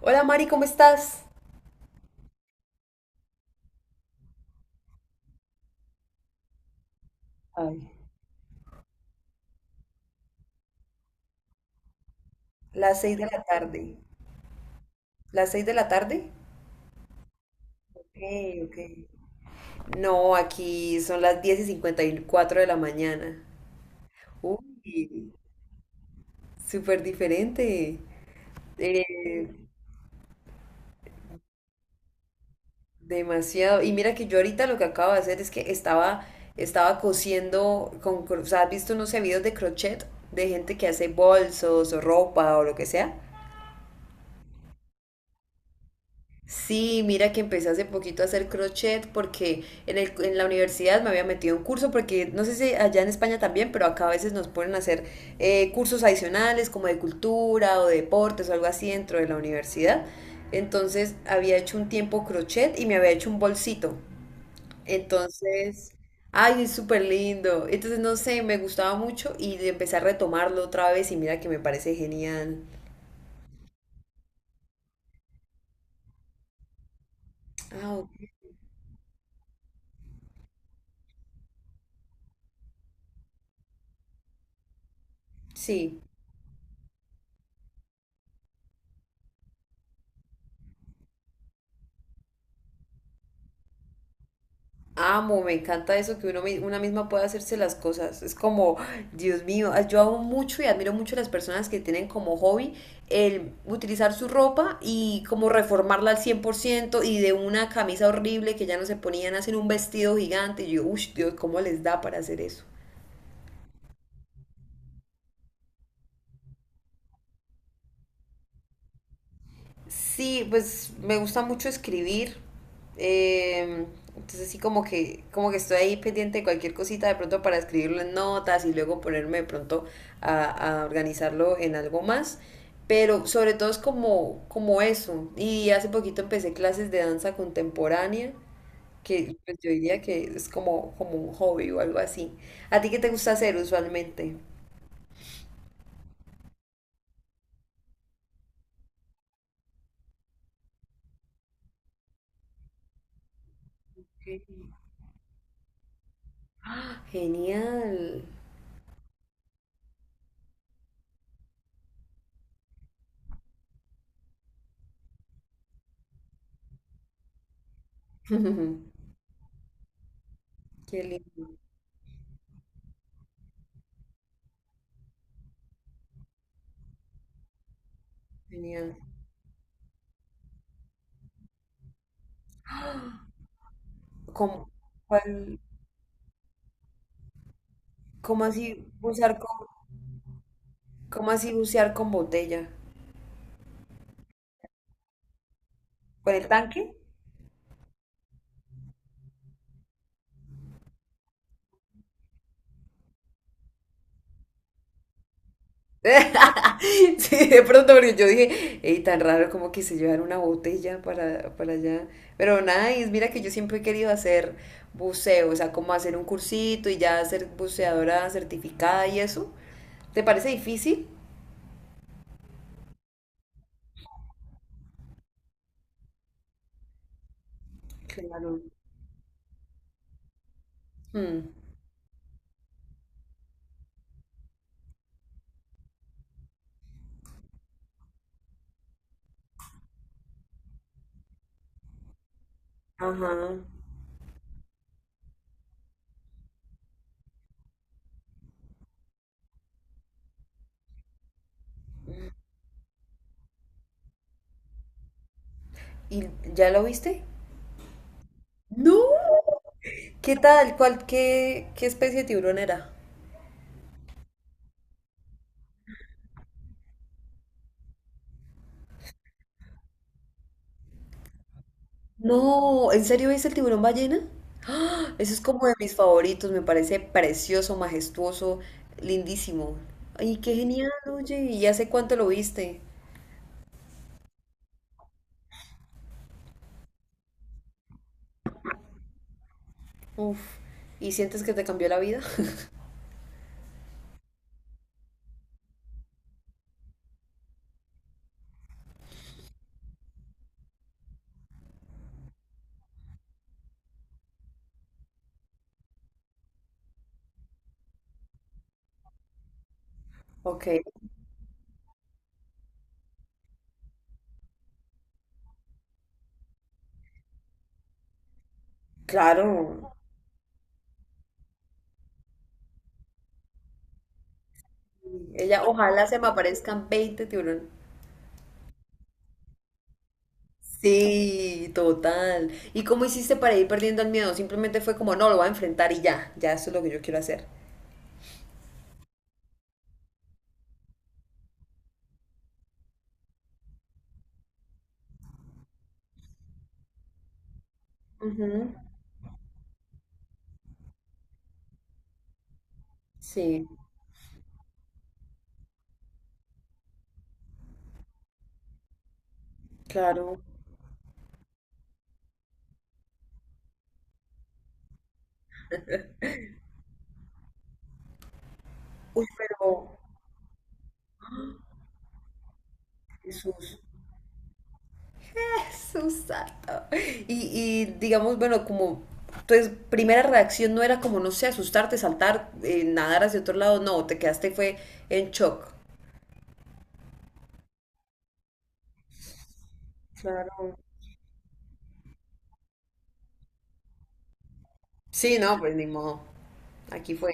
Hola Mari, ¿cómo estás? Ay, las 6 de la tarde. ¿Las seis de la tarde? Ok, ok. No, aquí son las 10:54 de la mañana. Uy, súper diferente. Eh, demasiado. Y mira que yo ahorita lo que acabo de hacer es que estaba cosiendo o sea, ¿has visto unos videos de crochet de gente que hace bolsos o ropa o lo que sea? Sí, mira que empecé hace poquito a hacer crochet porque en la universidad me había metido a un curso porque no sé si allá en España también, pero acá a veces nos ponen a hacer cursos adicionales como de cultura o de deportes o algo así dentro de la universidad. Entonces había hecho un tiempo crochet y me había hecho un bolsito. Entonces, ay, es súper lindo. Entonces, no sé, me gustaba mucho y empecé a retomarlo otra vez y mira que me parece genial. Ah, ok. Sí. Amo, me encanta eso, que uno, una misma puede hacerse las cosas. Es como, Dios mío, ah, yo amo mucho y admiro mucho a las personas que tienen como hobby el utilizar su ropa y como reformarla al 100%, y de una camisa horrible que ya no se ponían, hacen un vestido gigante. Y yo, uff, Dios, ¿cómo les da para hacer eso? Sí, pues me gusta mucho escribir. eh, entonces sí como que estoy ahí pendiente de cualquier cosita de pronto para escribirlo en notas y luego ponerme de pronto a organizarlo en algo más. Pero sobre todo es como, como eso. Y hace poquito empecé clases de danza contemporánea, que pues, yo diría que es como, como un hobby o algo así. ¿A ti qué te gusta hacer usualmente? ¡Ah, genial! Qué lindo, genial. ¿Cómo, cuál- cómo así bucear con, cómo así bucear con botella? ¿Con el tanque? Sí, de pronto, porque yo dije, ey, tan raro como que se llevar una botella para allá. Pero nada, y mira que yo siempre he querido hacer buceo, o sea, como hacer un cursito y ya ser buceadora certificada y eso. ¿Te parece difícil? Claro. Mm, ajá. ¿Y ya lo viste? No. ¿Qué tal? ¿Cuál, qué especie de tiburón era? No, ¿en serio ves el tiburón ballena? ¡Ah! Eso es como de mis favoritos, me parece precioso, majestuoso, lindísimo. Ay, qué genial, oye, ¿y hace cuánto lo viste? Uf, ¿y sientes que te cambió la vida? Ok, claro. Ella, ojalá se me aparezcan 20 tiburones. Sí, total. ¿Y cómo hiciste para ir perdiendo el miedo? Simplemente fue como, no, lo voy a enfrentar y ya, ya eso es lo que yo quiero hacer. Ujú, sí, claro. Uy, pero Jesús. Susato. Y, y digamos, bueno, como entonces, primera reacción no era como, no sé, asustarte, saltar, nadar hacia otro lado, no, te quedaste fue en shock. Claro. Sí, no, pues ni modo. Aquí fue.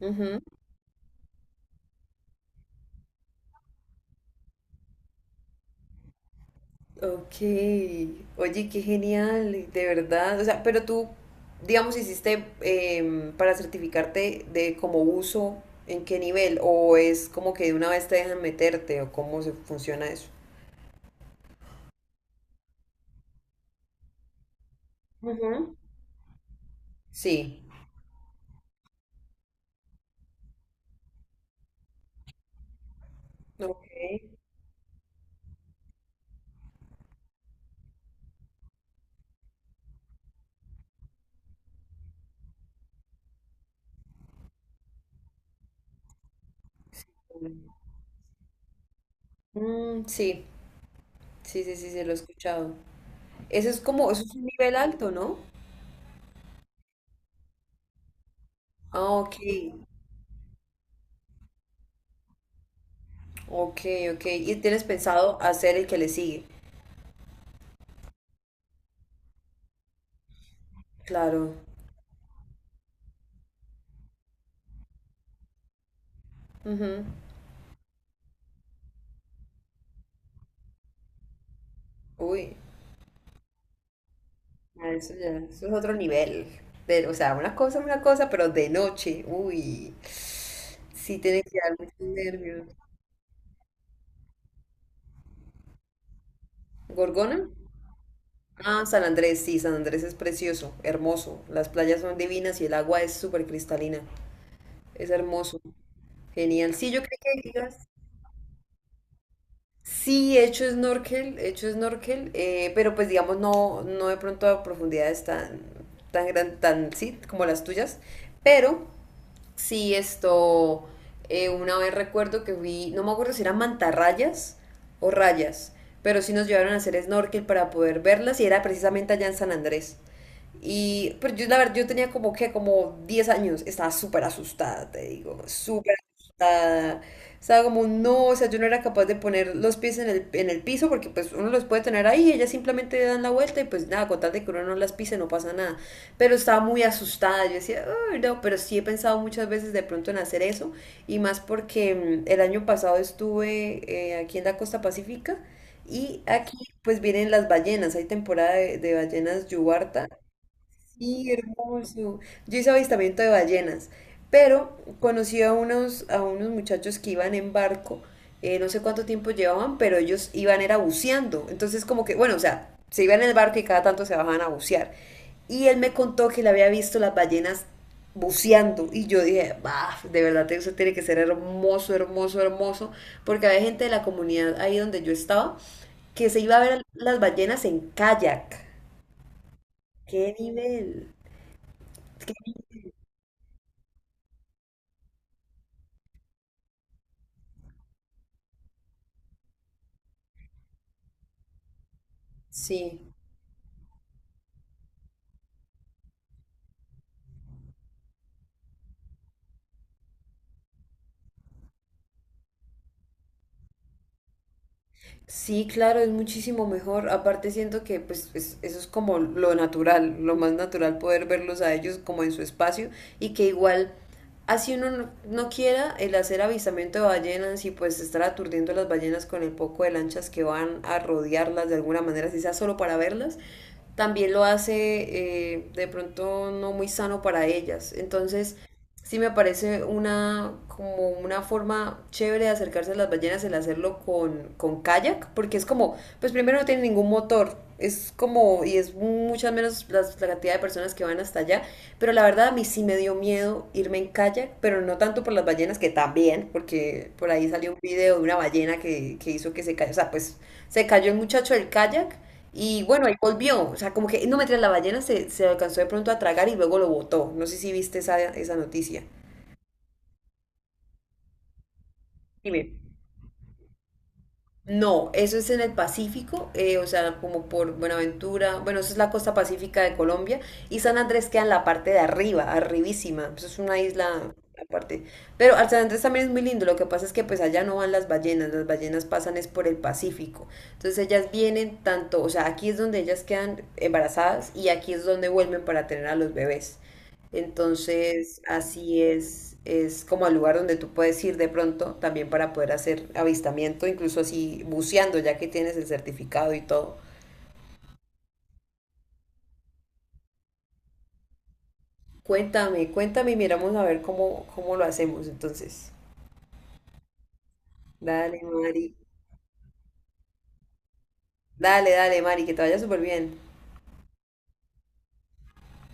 Ujú. Ok, oye, qué genial, de verdad. O sea, pero tú, digamos, hiciste para certificarte de como uso, ¿en qué nivel? ¿O es como que de una vez te dejan meterte? ¿O cómo se funciona eso? Ujú. Sí. Ok. Bueno. Mm, sí, sí, sí, sí, se lo he escuchado. Eso es como, eso es un nivel alto, ¿no? Ah, ok, ok, ok. Y tienes pensado hacer el que le sigue. Claro. Ujú. Uy, ah, eso ya, eso es otro nivel. Pero, o sea, una cosa es una cosa, pero de noche. Uy, sí tiene que dar muchos nervios. ¿Gorgona? Ah, San Andrés, sí, San Andrés es precioso, hermoso. Las playas son divinas y el agua es súper cristalina. Es hermoso. Genial. Sí, yo creo que quizás sí he hecho snorkel, pero pues digamos no, no de pronto a profundidades tan, tan sí, como las tuyas, pero sí, esto, una vez recuerdo que fui, no me acuerdo si eran mantarrayas o rayas, pero sí nos llevaron a hacer snorkel para poder verlas y era precisamente allá en San Andrés. Y, pero yo, la verdad, yo tenía como que, como 10 años, estaba súper asustada, te digo, súper asustada. Estaba como, no, o sea, yo no era capaz de poner los pies en el piso porque pues uno los puede tener ahí, ellas simplemente dan la vuelta y pues nada, con tal de que uno no las pise no pasa nada, pero estaba muy asustada. Yo decía, "Uy, no, pero sí he pensado muchas veces de pronto en hacer eso, y más porque el año pasado estuve aquí en la costa pacífica y aquí pues vienen las ballenas, hay temporada de ballenas yubarta. Sí, hermoso. Yo hice avistamiento de ballenas, pero conocí a a unos muchachos que iban en barco, no sé cuánto tiempo llevaban, pero ellos iban era buceando. Entonces como que, bueno, o sea, se iban en el barco y cada tanto se bajaban a bucear. Y él me contó que le había visto las ballenas buceando y yo dije, bah, de verdad eso tiene que ser hermoso, hermoso, hermoso, porque había gente de la comunidad ahí donde yo estaba que se iba a ver las ballenas en kayak. ¡Qué nivel! Sí. Sí, claro, es muchísimo mejor. Aparte siento que pues eso es como lo natural, lo más natural poder verlos a ellos como en su espacio y que igual así uno no, no quiera el hacer avistamiento de ballenas y pues estar aturdiendo a las ballenas con el poco de lanchas que van a rodearlas de alguna manera, si sea solo para verlas, también lo hace de pronto no muy sano para ellas. Entonces, sí me parece una, como una forma chévere de acercarse a las ballenas el hacerlo con kayak, porque es como, pues primero no tiene ningún motor, es como, y es muchas menos la, cantidad de personas que van hasta allá, pero la verdad a mí sí me dio miedo irme en kayak, pero no tanto por las ballenas, que también, porque por ahí salió un video de una ballena que hizo que se cayó, o sea, pues se cayó el muchacho del kayak y bueno, ahí volvió. O sea, como que no meter la ballena se, se alcanzó de pronto a tragar y luego lo botó. No sé si viste esa, esa noticia. Dime. No, eso es en el Pacífico, o sea, como por Buenaventura. Bueno, eso es la costa pacífica de Colombia. Y San Andrés queda en la parte de arriba, arribísima. Eso es una isla aparte. Pero al San Andrés también es muy lindo. Lo que pasa es que pues allá no van las ballenas. Las ballenas pasan es por el Pacífico. Entonces ellas vienen tanto, o sea, aquí es donde ellas quedan embarazadas y aquí es donde vuelven para tener a los bebés. Entonces, así es como al lugar donde tú puedes ir de pronto también para poder hacer avistamiento, incluso así buceando, ya que tienes el certificado y todo. Cuéntame, cuéntame y miramos a ver cómo, cómo lo hacemos entonces. Dale, Mari. Dale, dale, Mari, que te vaya súper bien.